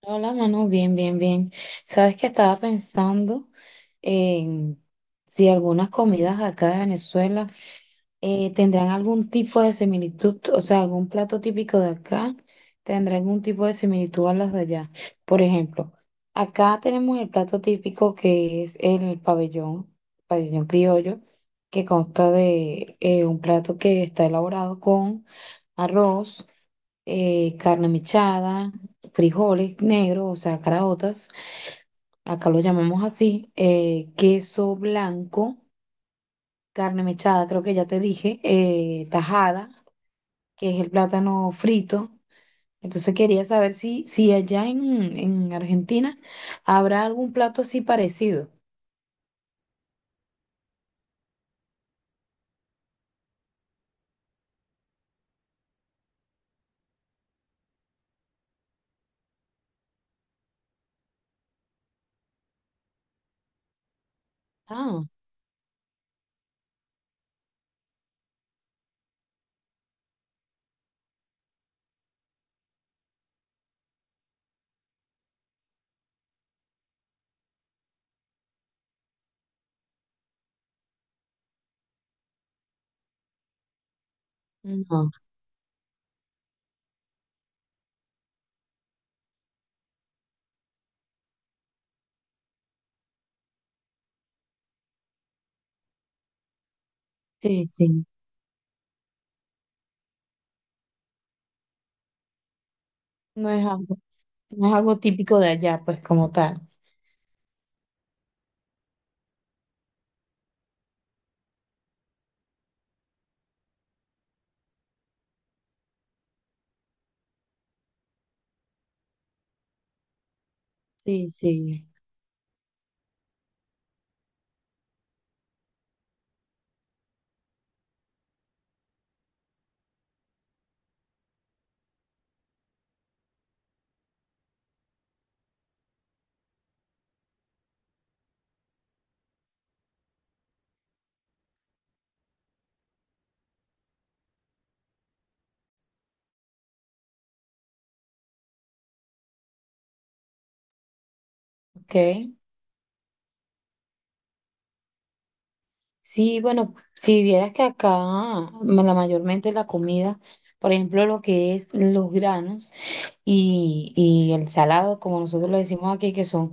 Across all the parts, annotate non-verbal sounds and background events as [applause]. Hola, Manu, bien, bien, bien. Sabes que estaba pensando en si algunas comidas acá de Venezuela tendrán algún tipo de similitud, o sea, algún plato típico de acá tendrá algún tipo de similitud a las de allá. Por ejemplo, acá tenemos el plato típico que es el pabellón, pabellón criollo, que consta de un plato que está elaborado con arroz, carne mechada, frijoles negros, o sea, caraotas, acá lo llamamos así, queso blanco, carne mechada, creo que ya te dije, tajada, que es el plátano frito. Entonces quería saber si, si allá en Argentina habrá algún plato así parecido. Ah, no, sí, sí. No es algo, no es algo típico de allá, pues, como tal. Sí, sí. Ok. Sí, bueno, si vieras que acá la mayormente la comida, por ejemplo, lo que es los granos y el salado, como nosotros lo decimos aquí, que son,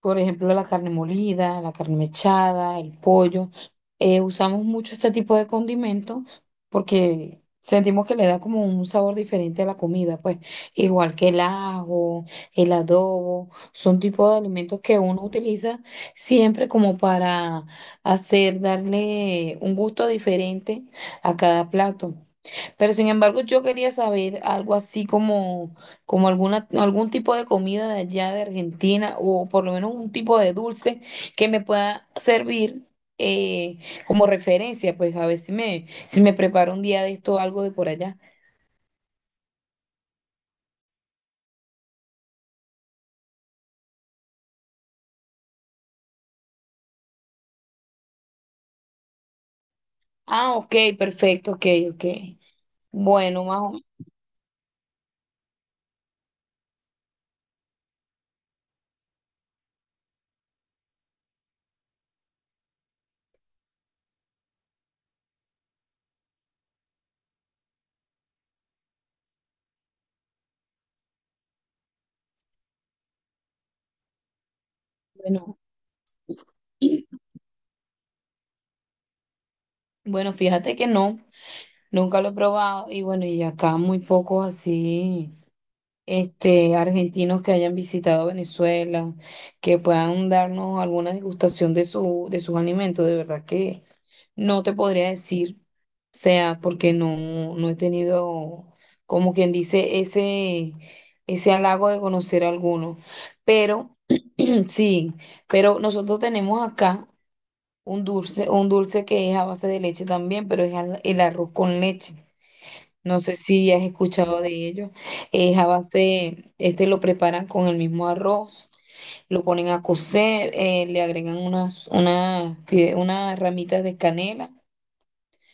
por ejemplo, la carne molida, la carne mechada, el pollo. Usamos mucho este tipo de condimentos porque sentimos que le da como un sabor diferente a la comida, pues, igual que el ajo, el adobo, son tipos de alimentos que uno utiliza siempre como para hacer, darle un gusto diferente a cada plato. Pero sin embargo, yo quería saber algo así como, como alguna, algún tipo de comida de allá de Argentina o por lo menos un tipo de dulce que me pueda servir eh, como referencia, pues, a ver si me, si me preparo un día de esto algo de por allá. Ah, ok, perfecto, ok, ok. Bueno, más o menos. Bueno, [clears throat] bueno, fíjate que no, nunca lo he probado y bueno, y acá muy pocos así. Este, argentinos que hayan visitado Venezuela, que puedan darnos alguna degustación de su, de sus alimentos. De verdad que no te podría decir, o sea, porque no, no he tenido, como quien dice, ese halago de conocer alguno. Pero [clears throat] sí, pero nosotros tenemos acá un dulce que es a base de leche también, pero es el arroz con leche. No sé si has escuchado de ellos. Es a base, este lo preparan con el mismo arroz, lo ponen a cocer, le agregan unas, unas, unas ramitas de canela,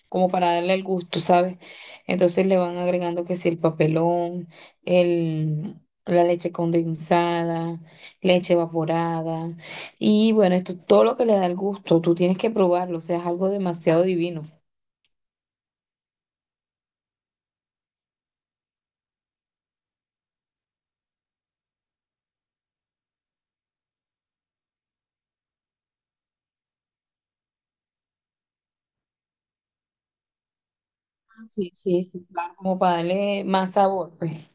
como para darle el gusto, ¿sabes? Entonces le van agregando que si el papelón, el, la leche condensada, leche evaporada. Y bueno, esto todo lo que le da el gusto, tú tienes que probarlo, o sea, es algo demasiado divino. Ah, sí, sí, sí, claro, como para darle más sabor, pues.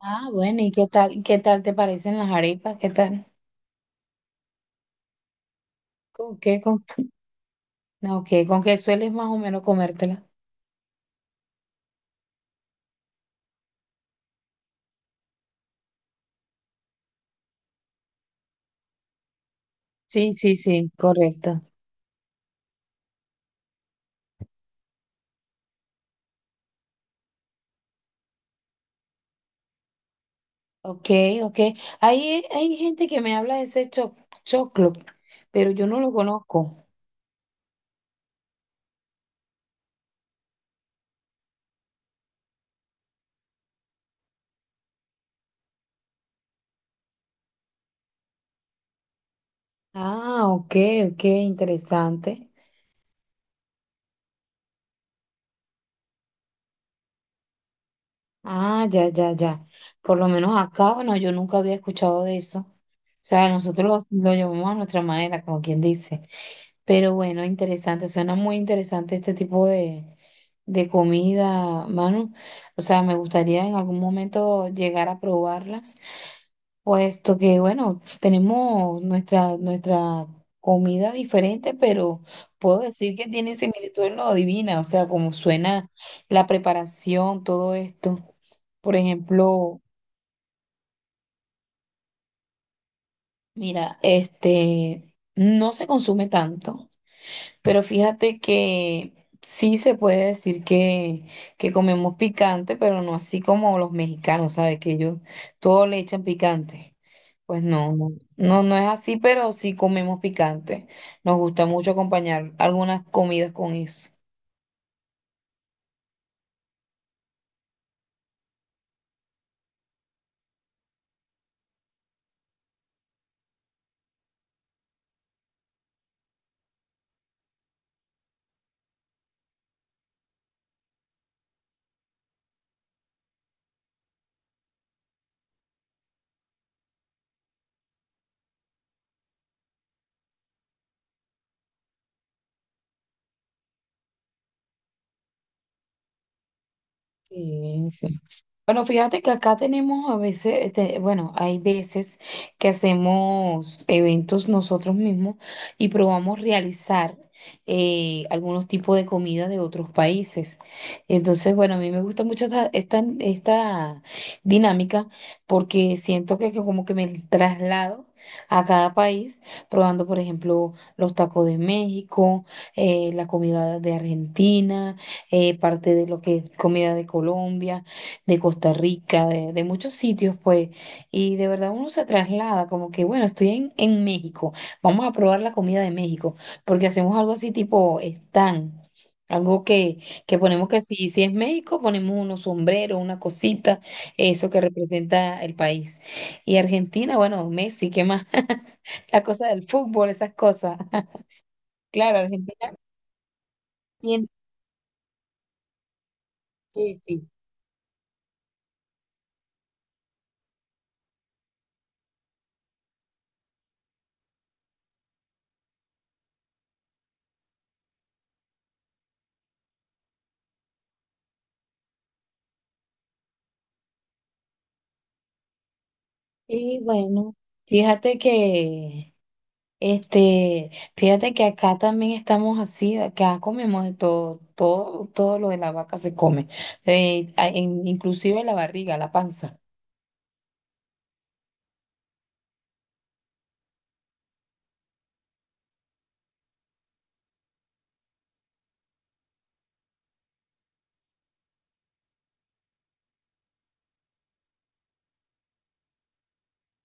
Ah, bueno, ¿y qué tal te parecen las arepas? ¿Qué tal? ¿Con qué, con, no, ok, con qué sueles más o menos comértela? Sí, sí, sí, correcto. Ok, ok. Hay gente que me habla de ese cho choclo, pero yo no lo conozco. Ah, ok, ok, interesante. Ah, ya, ya, ya. Por lo menos acá, bueno, yo nunca había escuchado de eso. O sea, nosotros lo llevamos a nuestra manera, como quien dice. Pero bueno, interesante, suena muy interesante este tipo de comida, Manu. O sea, me gustaría en algún momento llegar a probarlas, puesto que, bueno, tenemos nuestra, nuestra comida diferente, pero puedo decir que tiene similitud en lo divina, o sea, como suena la preparación, todo esto. Por ejemplo, mira, este no se consume tanto, pero fíjate que sí se puede decir que comemos picante, pero no así como los mexicanos, ¿sabes? Que ellos todo le echan picante. Pues no, no, no, no es así, pero sí comemos picante. Nos gusta mucho acompañar algunas comidas con eso. Sí, sí. Bueno, fíjate que acá tenemos a veces, este, bueno, hay veces que hacemos eventos nosotros mismos y probamos realizar algunos tipos de comida de otros países. Entonces, bueno, a mí me gusta mucho esta, esta, esta dinámica porque siento que como que me traslado. A cada país, probando, por ejemplo, los tacos de México, la comida de Argentina, parte de lo que es comida de Colombia, de Costa Rica, de muchos sitios, pues, y de verdad uno se traslada como que, bueno, estoy en México, vamos a probar la comida de México, porque hacemos algo así tipo stand, algo que ponemos que si, si es México, ponemos unos sombreros, una cosita, eso que representa el país. Y Argentina, bueno, Messi, ¿qué más? [laughs] La cosa del fútbol, esas cosas. [laughs] Claro, Argentina tiene, sí, sí. Y bueno, fíjate que... Este, fíjate que acá también estamos así, acá comemos de todo, todo, todo lo de la vaca se come, inclusive la barriga, la panza.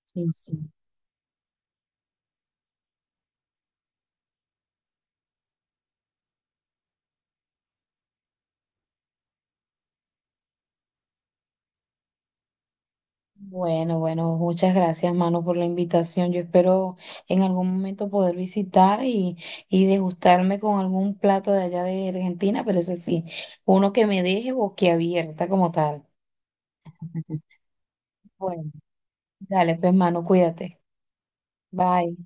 Sí, sí. Bueno, bueno, muchas gracias, mano, por la invitación. Yo espero en algún momento poder visitar y degustarme con algún plato de allá de Argentina, pero ese sí, uno que me deje boquiabierta como tal. Bueno, dale, pues, mano, cuídate. Bye.